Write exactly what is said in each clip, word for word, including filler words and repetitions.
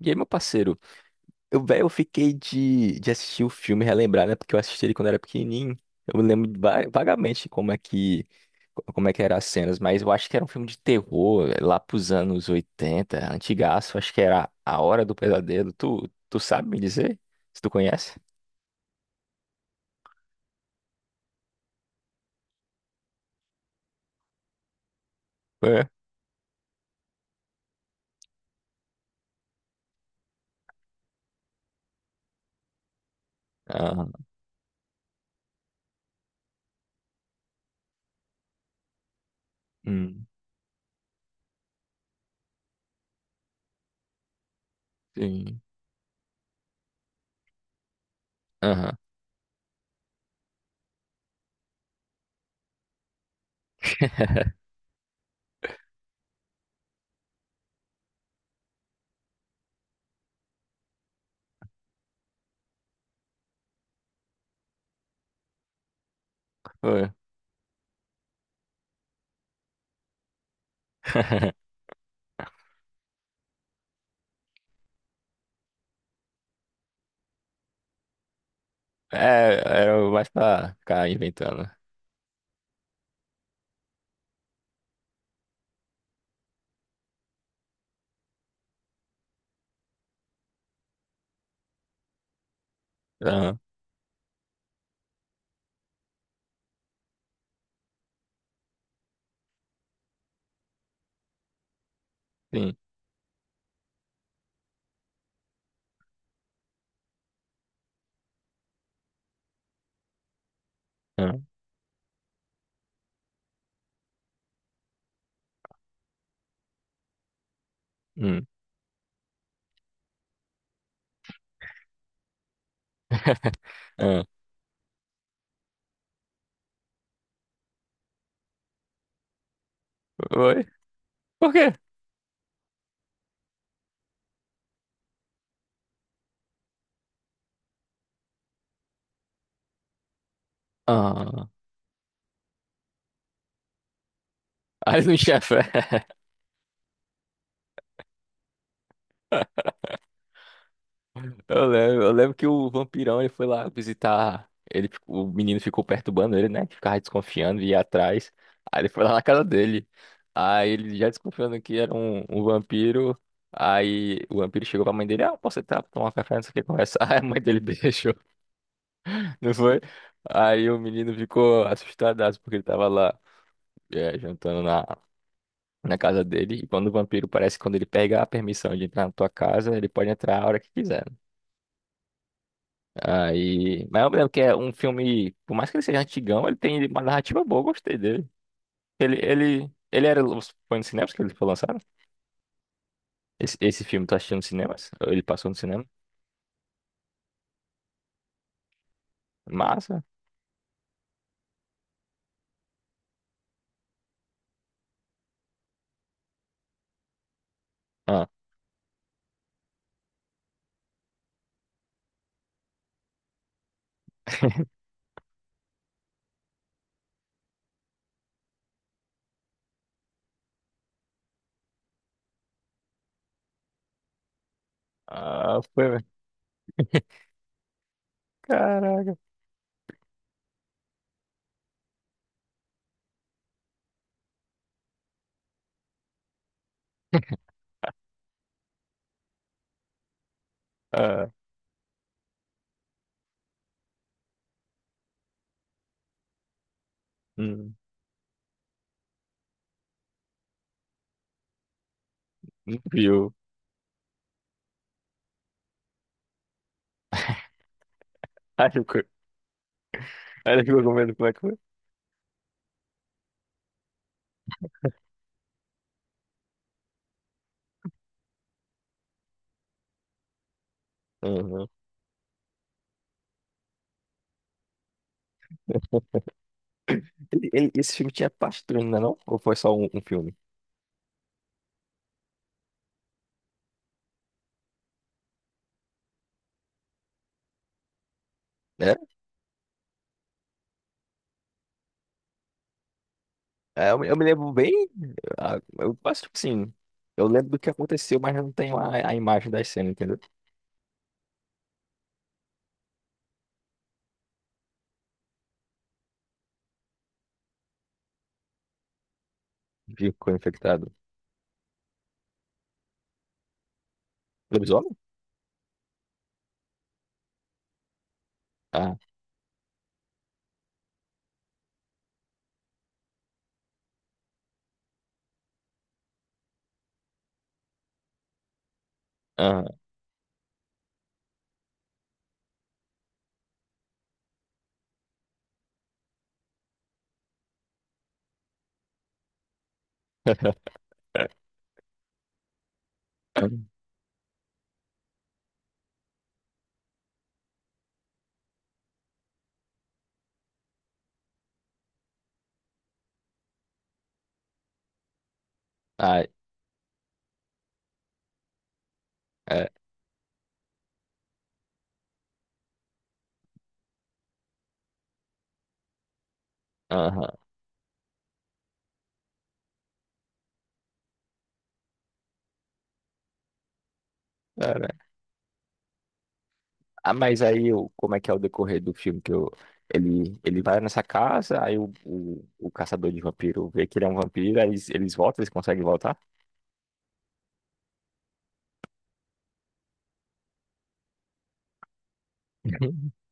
E aí, meu parceiro, eu, velho, eu fiquei de, de assistir o filme e relembrar, né? Porque eu assisti ele quando era pequenininho. Eu me lembro va- vagamente como é que, como é que eram as cenas, mas eu acho que era um filme de terror, eh, lá pros anos oitenta, antigaço. Acho que era A Hora do Pesadelo. Tu, tu sabe me dizer? Se tu conhece? É. Ah, hum, sim. Aham. Foi. É, era mais pra ficar inventando. Aham, sim. Aham, hum. Aham. Oi? Por quê? Ah, aí no chefe, é. Eu lembro, eu lembro que o vampirão, ele foi lá visitar, ele ficou- o menino ficou perturbando ele, né, que ficava desconfiando e ia atrás, aí ele foi lá na casa dele, aí ele já desconfiando que era um, um vampiro, aí o vampiro chegou pra mãe dele: ah, posso entrar pra tomar café, não sei o que, conversar, aí a mãe dele deixou, não foi? Aí o menino ficou assustadaço porque ele tava lá, é, jantando na, na casa dele, e quando o vampiro, parece que quando ele pega a permissão de entrar na tua casa, ele pode entrar a hora que quiser. Aí, mas eu lembro que é um filme, por mais que ele seja antigão, ele tem uma narrativa boa, eu gostei dele. Ele, ele, ele era, foi nos cinemas que ele foi lançado? Esse, esse filme tá assistindo nos cinemas? Ou ele passou no cinema? Massa. Ah, ah foi, caraca. Ah, hum, não viu. Aí ficou, aí ele ficou com medo, como é que foi. Uhum. Ele- ele- esse filme tinha parte dois, não é não? Ou foi só um, um filme? É, é, eu, me eu me lembro bem, ah, eu acho que sim, eu lembro do que aconteceu, mas eu não tenho a, a imagem das cenas, entendeu? Ficou infectado. Lobisomem? Ah, ah, ah, é, aham, cara. Ah, mas aí, o- como é que é o decorrer do filme? Que eu, ele, ele vai nessa casa, aí o, o, o caçador de vampiro vê que ele é um vampiro, aí eles, eles voltam, eles conseguem voltar?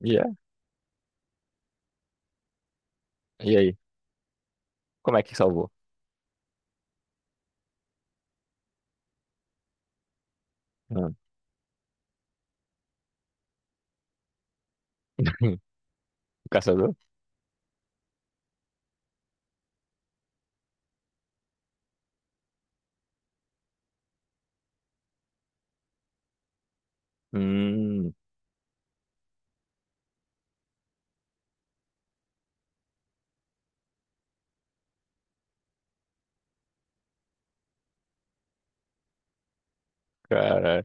E é? E aí? Como é que salvou? Ah. O caçador? Hum, cara,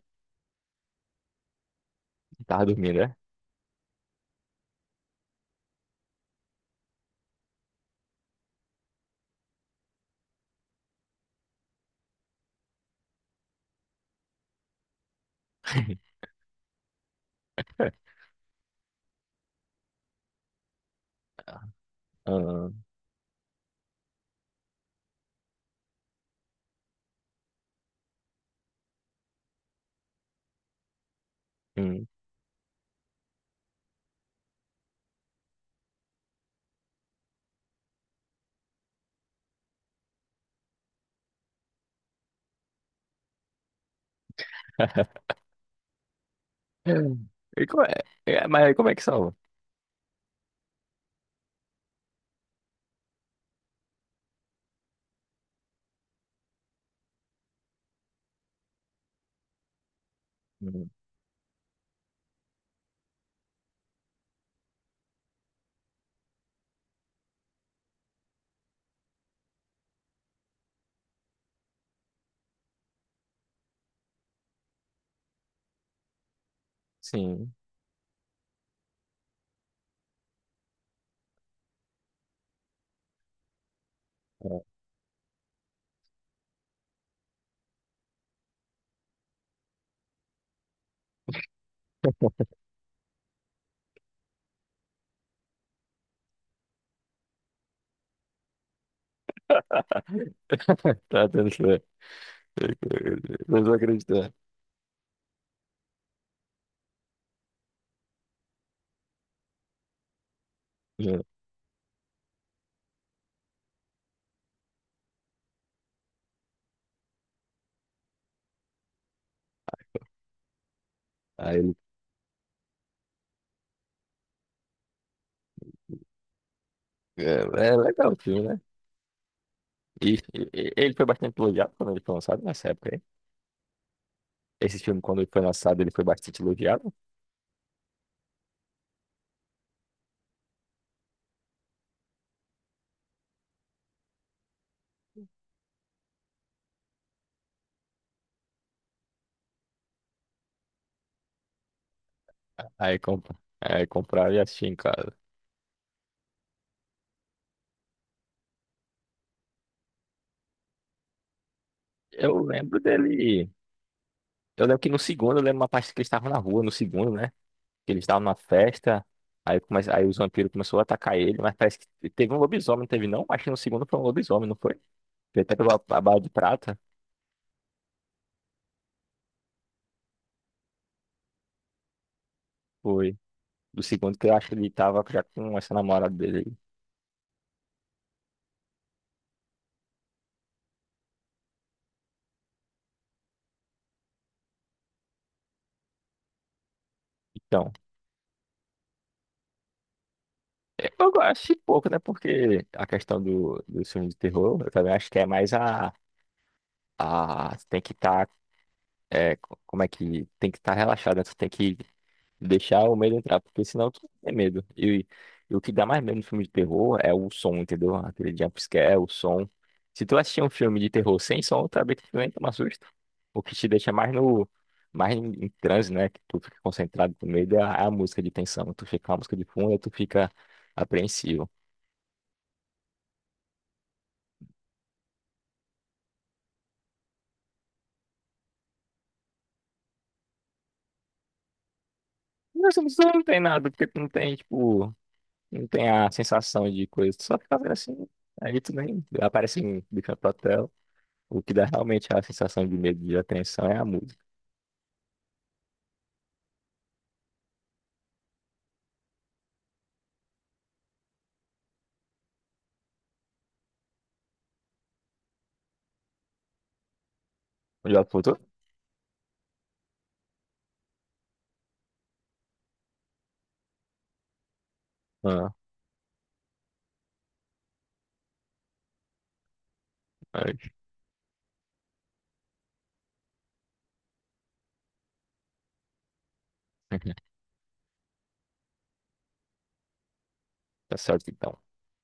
tava dormindo, né? Ah, hum. E como é? É, mas como é que salva? Hum, Sim. É. Tá atenção. Vocês vão acreditar. É. Aí, ele- é, é legal o filme, né? E, e- e ele foi bastante elogiado quando ele foi lançado nessa época aí. Esse filme, quando ele foi lançado, ele foi bastante elogiado. Aí, comp... aí compraram e assisti em casa. Eu lembro dele. Eu lembro que no segundo, eu lembro uma parte que eles estavam na rua, no segundo, né? Que eles estavam numa festa. Aí, come... aí os vampiros começaram a atacar ele, mas parece que teve um lobisomem, não teve não? Acho que no segundo foi um lobisomem, não foi? Foi até pela a bala de prata. Foi. Do segundo, que eu acho que ele tava já com essa namorada dele. Aí. Então, eu gosto de pouco, né? Porque a questão do, do filme de terror, eu também acho que é mais a, a tem que estar, como é que, tem que estar relaxado, né? Tu tem que deixar o medo entrar, porque senão tu é medo. E, e o que dá mais medo no filme de terror é o som, entendeu? Aquele jumpscare, o som. Se tu assistir um filme de terror sem som, talvez tu nem toma susto. O que te deixa mais no. Mais em, em transe, né? Que tu fica concentrado com medo, é a, é a música de tensão. Tu fica com a música de fundo, aí tu fica apreensivo. Mas o som não tem nada, porque tu não tem, tipo, não tem a sensação de coisa. Tu só fica fazendo assim. Aí tu nem aparece um bicho. O que dá realmente a sensação de medo e de apreensão é a música. Já voltou? Ah, aí. Tá certo então.